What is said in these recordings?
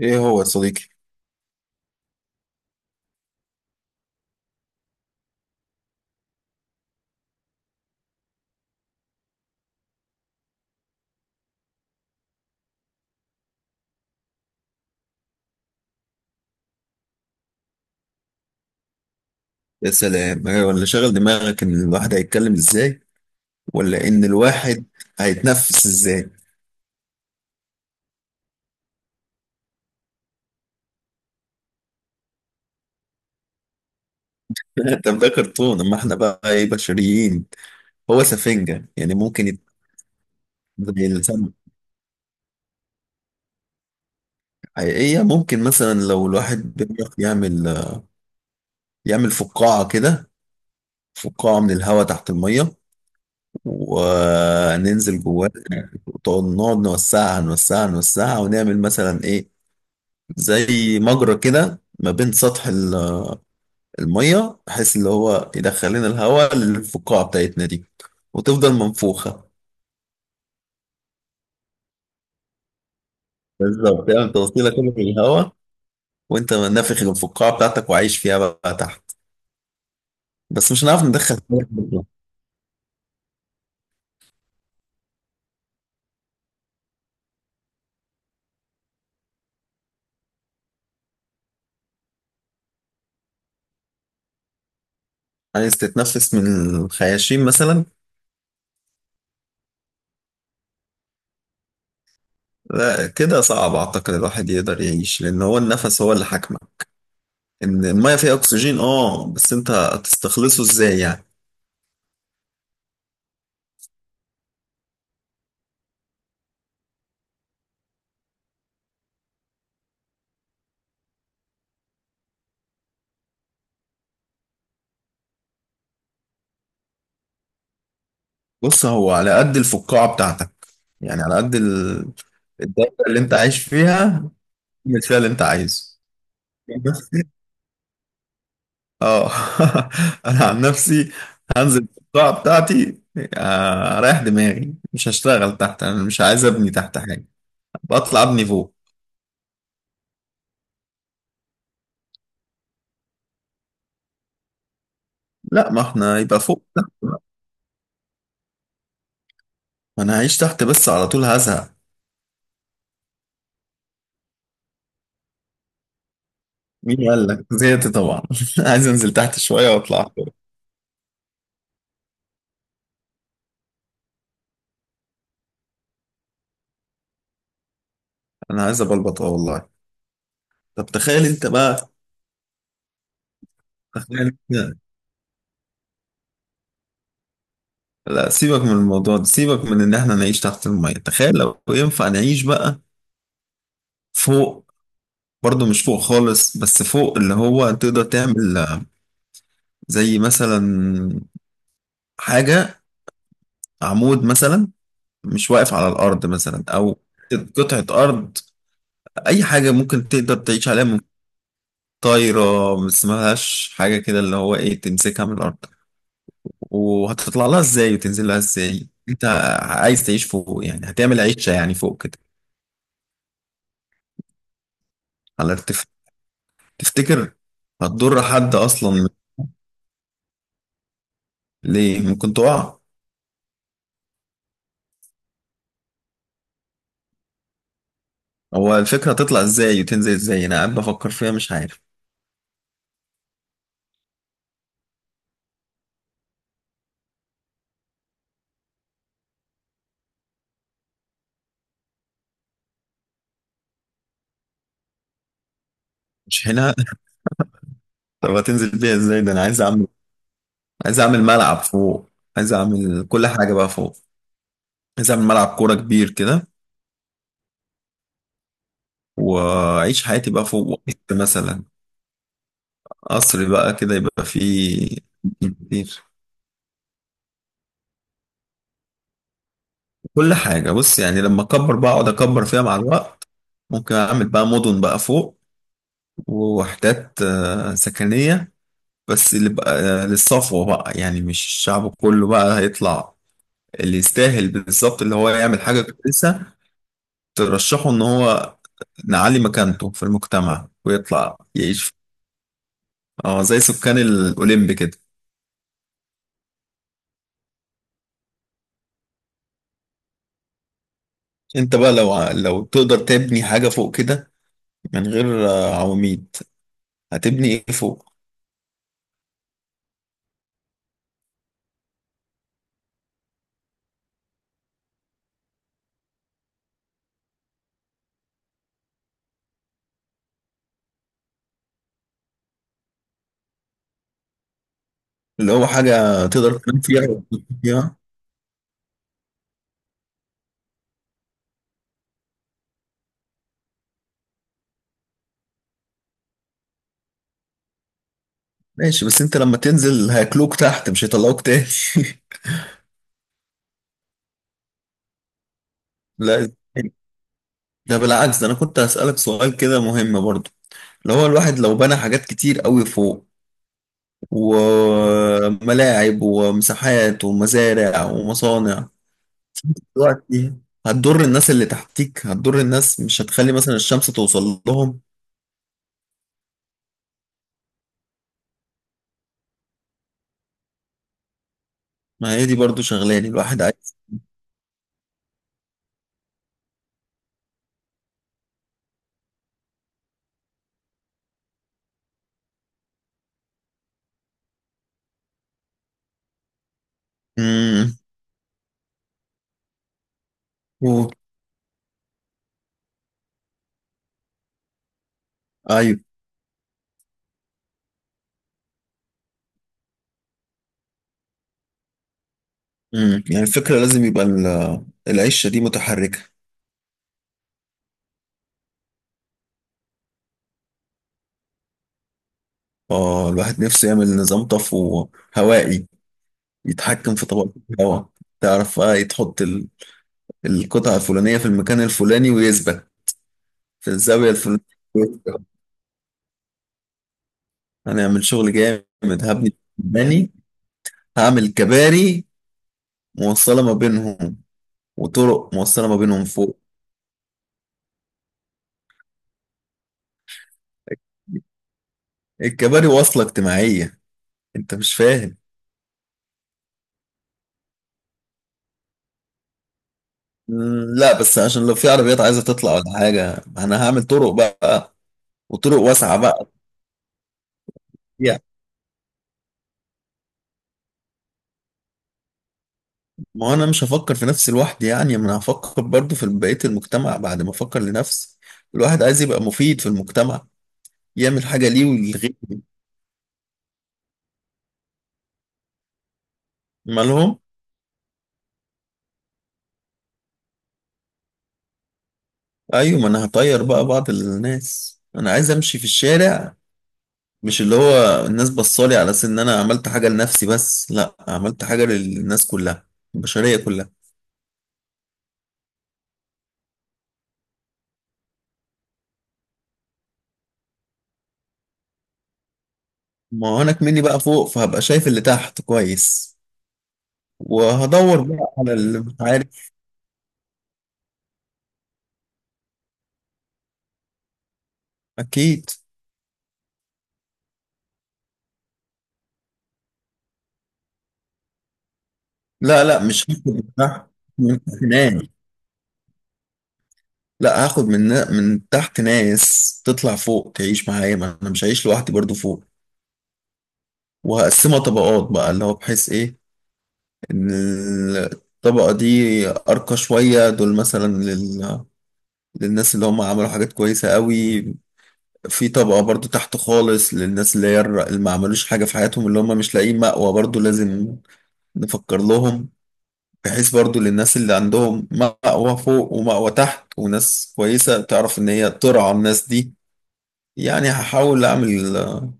ايه هو يا صديقي؟ يا سلام، أيوة، ولا شغل دماغك ان الواحد هيتكلم ازاي ولا ان الواحد هيتنفس ازاي. طب ده كرتون، اما احنا بقى ايه؟ بشريين. هو سفنجة، يعني ممكن زي السمك. حقيقية ممكن مثلا لو الواحد بيعرف يعمل فقاعة كده. فقاعة من الهواء تحت المية وننزل جواها، نقعد نوسعها نوسعها نوسعها ونعمل مثلا ايه، زي مجرى كده ما بين سطح المية، بحيث اللي هو يدخل لنا الهواء للفقاعة بتاعتنا دي وتفضل منفوخة. بالظبط، تعمل توصيلة كده في الهواء وانت نافخ الفقاعة بتاعتك وعايش فيها بقى تحت. بس مش هنعرف ندخل هواء بره. عايز تتنفس من الخياشيم مثلا؟ لا كده صعب، اعتقد الواحد يقدر يعيش لان هو النفس هو اللي حاكمه. ان الميه فيها اكسجين اه، بس انت هتستخلصه ازاي يعني؟ بص، هو على قد الفقاعه بتاعتك، يعني على قد الدايره اللي انت عايش فيها، المثال اللي انت عايزه. بس. اه. انا عن نفسي هنزل القاعه بتاعتي. اريح دماغي، مش هشتغل تحت، انا مش عايز ابني تحت حاجه، بطلع ابني فوق. لا، ما احنا يبقى فوق تحت بقى. ما انا هعيش تحت بس على طول هزهق. مين قال لك زهقت؟ طبعا عايز انزل تحت شويه واطلع فوق. انا عايز ابلبط اه والله. طب تخيل انت. لا، سيبك من الموضوع ده، سيبك من ان احنا نعيش تحت الميه، تخيل لو ينفع نعيش بقى فوق، برضه مش فوق خالص، بس فوق اللي هو تقدر تعمل زي مثلا حاجة، عمود مثلا مش واقف على الأرض، مثلا أو قطعة أرض، أي حاجة ممكن تقدر تعيش عليها. من طايرة، ما اسمهاش حاجة كده، اللي هو إيه، تمسكها من الأرض وهتطلع لها إزاي وتنزل لها إزاي. أنت عايز تعيش فوق، يعني هتعمل عيشة يعني فوق كده، على ارتفاع. تفتكر هتضر حد أصلا؟ ليه؟ ممكن تقع. هو الفكرة تطلع ازاي وتنزل ازاي، انا قاعد بفكر فيها مش عارف. مش هنا. طب هتنزل بيها ازاي؟ ده انا عايز اعمل ملعب فوق، عايز اعمل كل حاجة بقى فوق، عايز اعمل ملعب كورة كبير كده، واعيش حياتي بقى فوق. وقت مثلا قصر بقى كده يبقى فيه كتير، كل حاجة. بص يعني لما اكبر بقى، اقعد اكبر فيها مع الوقت ممكن اعمل بقى مدن بقى فوق ووحدات سكنية، بس اللي بقى للصفوة بقى، يعني مش الشعب كله بقى هيطلع، اللي يستاهل بالظبط، اللي هو يعمل حاجة كويسة ترشحه إن هو نعلي مكانته في المجتمع ويطلع يعيش، اه زي سكان الأوليمب كده. أنت بقى لو تقدر تبني حاجة فوق كده من غير عواميد، هتبني إيه فوق؟ اللي هو حاجة تقدر تنام فيها وتنام فيها. ماشي، بس أنت لما تنزل هياكلوك تحت، مش هيطلعوك تاني. لا، ده بالعكس، ده أنا كنت هسألك سؤال كده مهم برضه، اللي هو الواحد لو بنى حاجات كتير قوي فوق وملاعب ومساحات ومزارع ومصانع دلوقتي هتضر الناس اللي تحتيك، هتضر الناس، مش هتخلي مثلا الشمس توصل لهم. ما هي دي برضو شغلاني، الواحد عايز امم و- ايوه. يعني الفكرة لازم يبقى العيشة دي متحركة. اه، الواحد نفسه يعمل نظام طفو هوائي يتحكم في طبقة الهواء، تعرف، تحط القطعة الفلانية في المكان الفلاني ويثبت في الزاوية الفلانية. هنعمل شغل جامد، هبني، هعمل كباري موصلة ما بينهم وطرق موصلة ما بينهم فوق، الكباري واصلة اجتماعية. انت مش فاهم. مم، لا، بس عشان لو في عربيات عايزة تطلع ولا حاجة انا هعمل طرق بقى، وطرق واسعة بقى، يعني ما هو انا مش هفكر في نفسي لوحدي، يعني ما انا هفكر برضو في بقية المجتمع بعد ما افكر لنفسي. الواحد عايز يبقى مفيد في المجتمع، يعمل حاجة ليه ولغيره. مالهم؟ ايوه، ما انا هطير بقى بعض الناس، انا عايز امشي في الشارع، مش اللي هو الناس بصالي على اساس ان انا عملت حاجه لنفسي بس، لا عملت حاجه للناس كلها، البشريه كلها. ما هو انا كمني بقى فوق فهبقى شايف اللي تحت كويس، وهدور بقى على اللي مش عارف. اكيد. لا، لا، مش هاخد من تحت، من تحت ناس. لا، هاخد من، من تحت ناس تطلع فوق تعيش معايا، ما انا مش هعيش لوحدي برضو فوق، وهقسمها طبقات بقى اللي هو بحيث ايه. الطبقة دي أرقى شوية، دول مثلا للناس اللي هم عملوا حاجات كويسة قوي. في طبقة برضو تحت خالص للناس اللي هي اللي ما عملوش حاجة في حياتهم، اللي هم مش لاقيين مأوى برضو لازم نفكر لهم، بحيث برضو للناس اللي عندهم مأوى فوق ومأوى تحت وناس كويسة تعرف إن هي ترعى الناس دي. يعني هحاول أعمل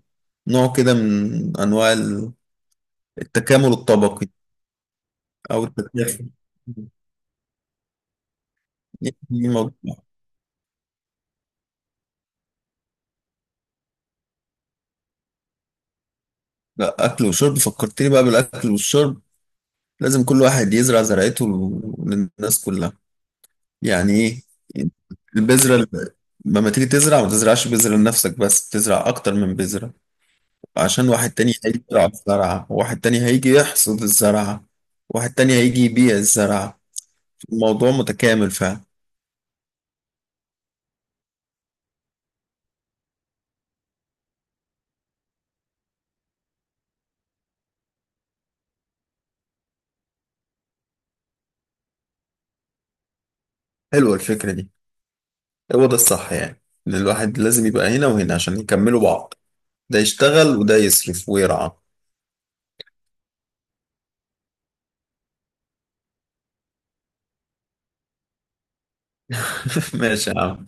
نوع كده من أنواع التكامل الطبقي، أو التكافل. لا، اكل وشرب فكرتني بقى بالاكل والشرب، لازم كل واحد يزرع زرعته للناس كلها. يعني ايه؟ البذره لما تيجي تزرع ما تزرعش بذره لنفسك بس، تزرع اكتر من بذره، عشان واحد تاني هيجي يزرع الزرعه، واحد تاني هيجي يحصد الزرعه، واحد تاني هيجي يبيع الزرعه. الموضوع متكامل فعلا. حلوه الفكره دي. هو ده الصح، يعني ان الواحد لازم يبقى هنا وهنا عشان يكملوا بعض، ده يشتغل وده يصرف ويرعى. ماشي يا عم.